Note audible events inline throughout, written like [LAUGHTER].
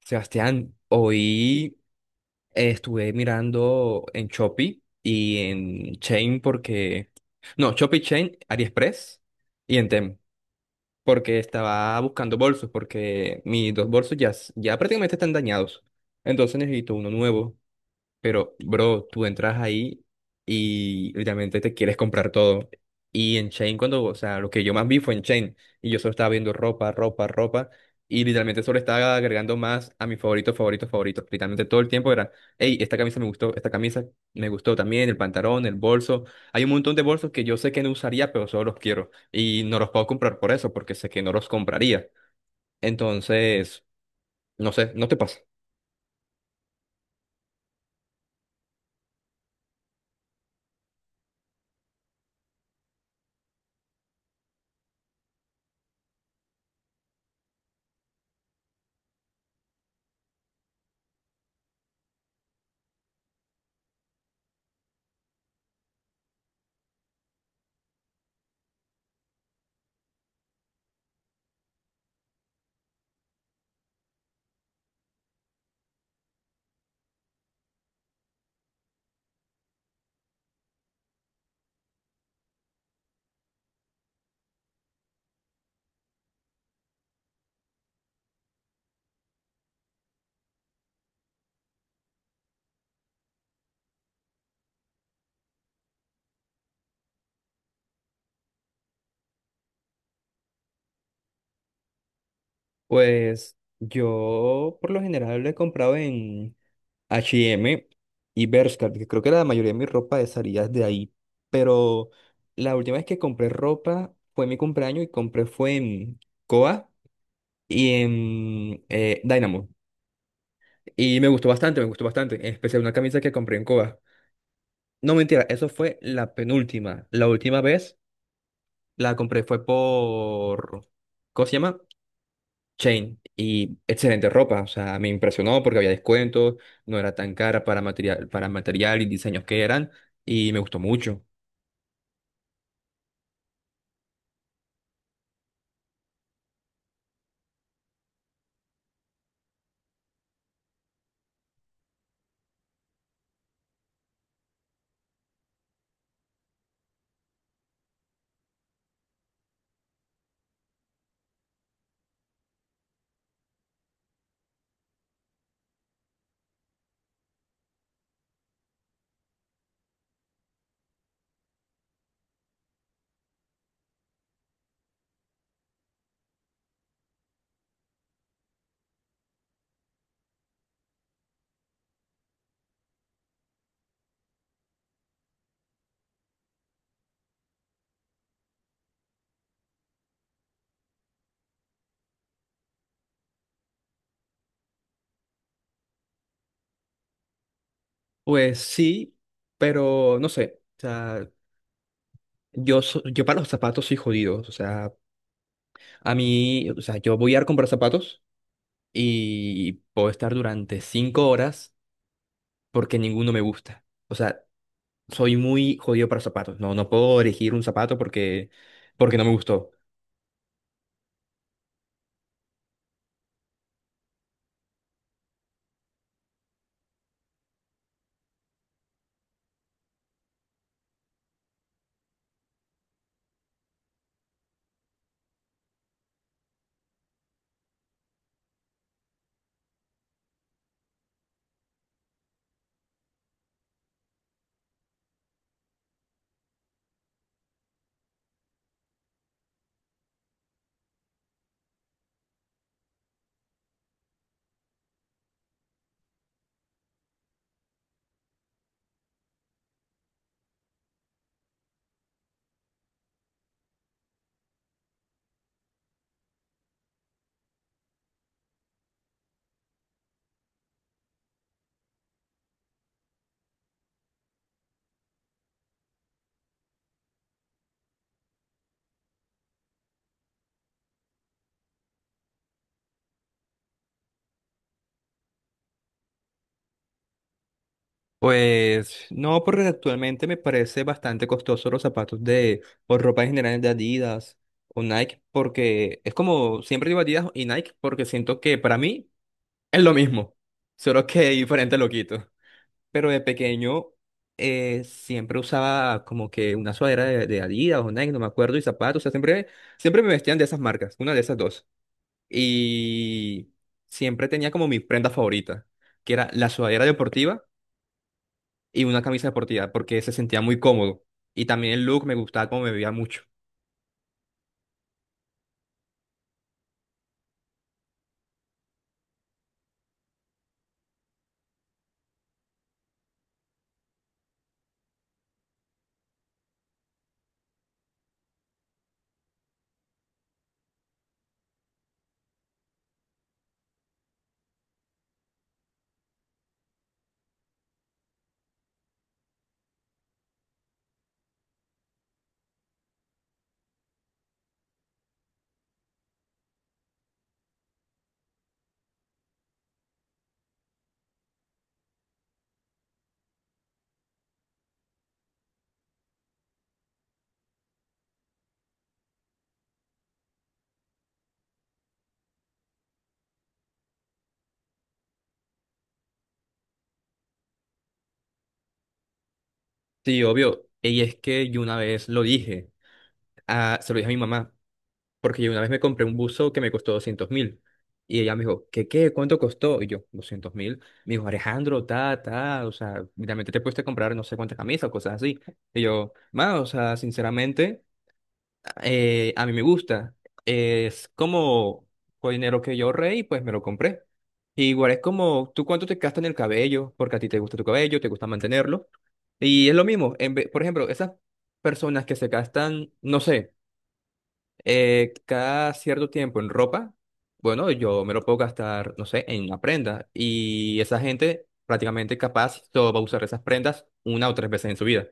Sebastián, hoy estuve mirando en Shopee y en Chain porque... No, Shopee, Chain, AliExpress y en Temu porque estaba buscando bolsos porque mis dos bolsos ya, ya prácticamente están dañados. Entonces necesito uno nuevo. Pero, bro, tú entras ahí y literalmente te quieres comprar todo. Y en Chain, cuando, o sea, lo que yo más vi fue en Chain. Y yo solo estaba viendo ropa, ropa, ropa. Y literalmente solo estaba agregando más a mis favoritos, favoritos, favoritos. Literalmente todo el tiempo era, hey, esta camisa me gustó, esta camisa me gustó también, el pantalón, el bolso. Hay un montón de bolsos que yo sé que no usaría, pero solo los quiero. Y no los puedo comprar por eso, porque sé que no los compraría. Entonces, no sé, ¿no te pasa? Pues yo por lo general lo he comprado en H&M y Bershka, que creo que la mayoría de mi ropa salía de ahí. Pero la última vez que compré ropa fue mi cumpleaños y compré fue en Coa y en Dynamo. Y me gustó bastante, en especial una camisa que compré en Coa. No mentira, eso fue la penúltima. La última vez la compré fue por... ¿Cómo se llama? Chain y excelente ropa, o sea, me impresionó porque había descuentos, no era tan cara para material y diseños que eran y me gustó mucho. Pues sí, pero no sé, o sea, yo, yo para los zapatos soy jodido, o sea, a mí, o sea, yo voy a ir a comprar zapatos y puedo estar durante 5 horas porque ninguno me gusta, o sea, soy muy jodido para zapatos, no puedo elegir un zapato porque, porque no me gustó. Pues no, porque actualmente me parece bastante costoso los zapatos de, o ropa en general de Adidas o Nike, porque es como siempre digo Adidas y Nike, porque siento que para mí es lo mismo, solo que [LAUGHS] diferente lo quito. Pero de pequeño siempre usaba como que una sudadera de Adidas o Nike, no me acuerdo, y zapatos, o sea, siempre, siempre me vestían de esas marcas, una de esas dos. Y siempre tenía como mi prenda favorita, que era la sudadera deportiva y una camisa deportiva porque se sentía muy cómodo. Y también el look me gustaba como me veía mucho. Sí, obvio. Y es que yo una vez lo dije, ah, se lo dije a mi mamá, porque yo una vez me compré un buzo que me costó 200 mil. Y ella me dijo, ¿qué qué? ¿Cuánto costó? Y yo, 200 mil. Me dijo, Alejandro, ta, ta, o sea, realmente te puedes comprar no sé cuántas camisas o cosas así. Y yo, ma, o sea, sinceramente. A mí me gusta. Es como fue dinero que yo ahorré y pues me lo compré. Igual es como, ¿tú cuánto te gastas en el cabello? Porque a ti te gusta tu cabello, te gusta mantenerlo. Y es lo mismo. En por ejemplo, esas personas que se gastan, no sé, cada cierto tiempo en ropa, bueno, yo me lo puedo gastar, no sé, en una prenda. Y esa gente prácticamente capaz solo va a usar esas prendas 1 o 3 veces en su vida.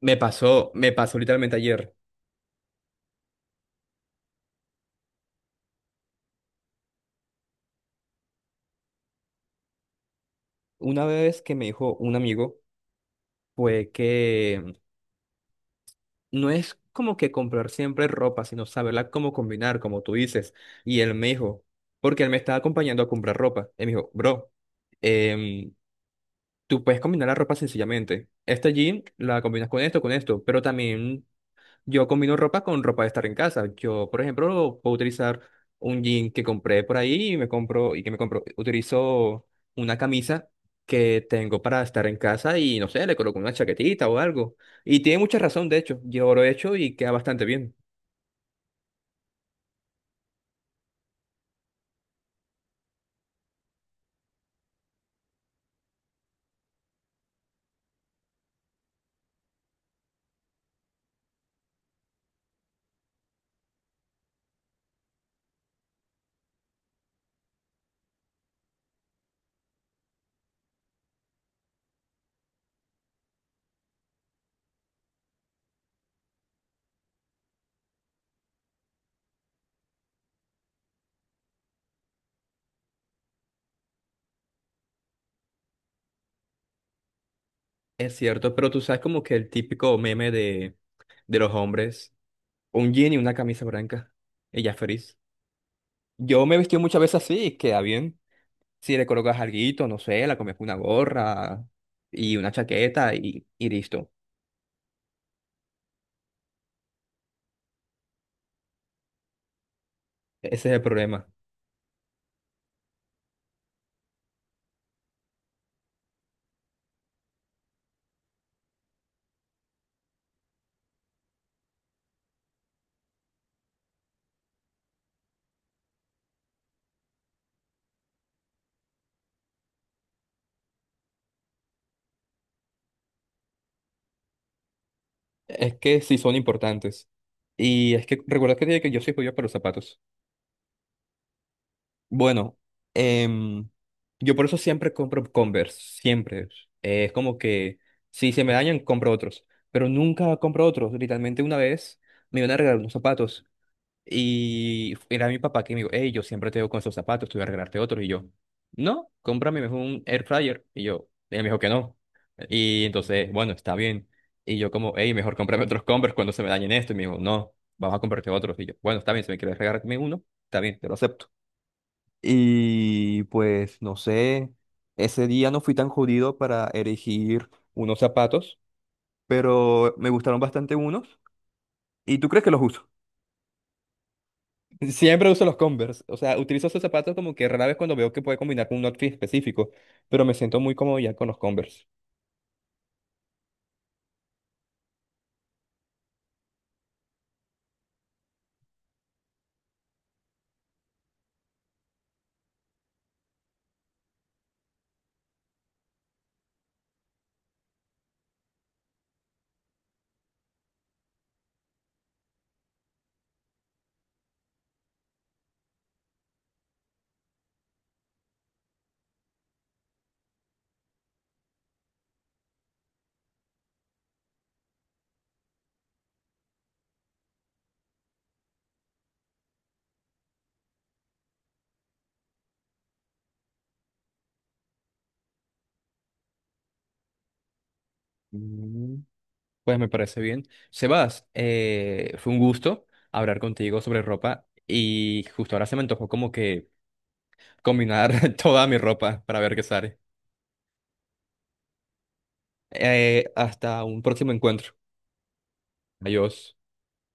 Me pasó literalmente ayer. Una vez que me dijo un amigo, fue que no es como que comprar siempre ropa, sino saberla cómo combinar, como tú dices. Y él me dijo, porque él me estaba acompañando a comprar ropa. Él me dijo, bro, em, tú puedes combinar la ropa sencillamente. Esta jean la combinas con esto, pero también yo combino ropa con ropa de estar en casa. Yo, por ejemplo, puedo utilizar un jean que compré por ahí y me compro, y que me compro, utilizo una camisa que tengo para estar en casa y no sé, le coloco una chaquetita o algo. Y tiene mucha razón, de hecho. Yo lo he hecho y queda bastante bien. Es cierto, pero tú sabes como que el típico meme de los hombres, un jean y una camisa blanca. Ella es feliz. Yo me he vestido muchas veces así y queda bien. Si le colocas alguito, no sé, la comes con una gorra y una chaqueta y listo. Ese es el problema. Es que sí son importantes. Y es que recuerda que te dije que yo soy pollo para los zapatos. Bueno, em, yo por eso siempre compro Converse, siempre. Es como que si se me dañan, compro otros. Pero nunca compro otros. Literalmente una vez me iban a regalar unos zapatos. Y era mi papá que me dijo, hey, yo siempre te veo con esos zapatos, te voy a regalarte otros. Y yo, no, cómprame mejor un air fryer. Y yo, él me dijo que no. Y entonces, bueno, está bien. Y yo como, hey, mejor cómprame otros Converse cuando se me dañen esto. Y me dijo, no, vamos a comprarte otros. Y yo, bueno, está bien, si me quieres regalarme uno, está bien, te lo acepto. Y pues, no sé, ese día no fui tan jodido para elegir unos zapatos, pero me gustaron bastante unos. ¿Y tú crees que los uso? Siempre uso los Converse. O sea, utilizo esos zapatos como que rara vez cuando veo que puede combinar con un outfit específico, pero me siento muy cómodo ya con los Converse. Mm. Pues me parece bien. Sebas, fue un gusto hablar contigo sobre ropa y justo ahora se me antojó como que combinar [LAUGHS] toda mi ropa para ver qué sale. Hasta un próximo encuentro. Adiós.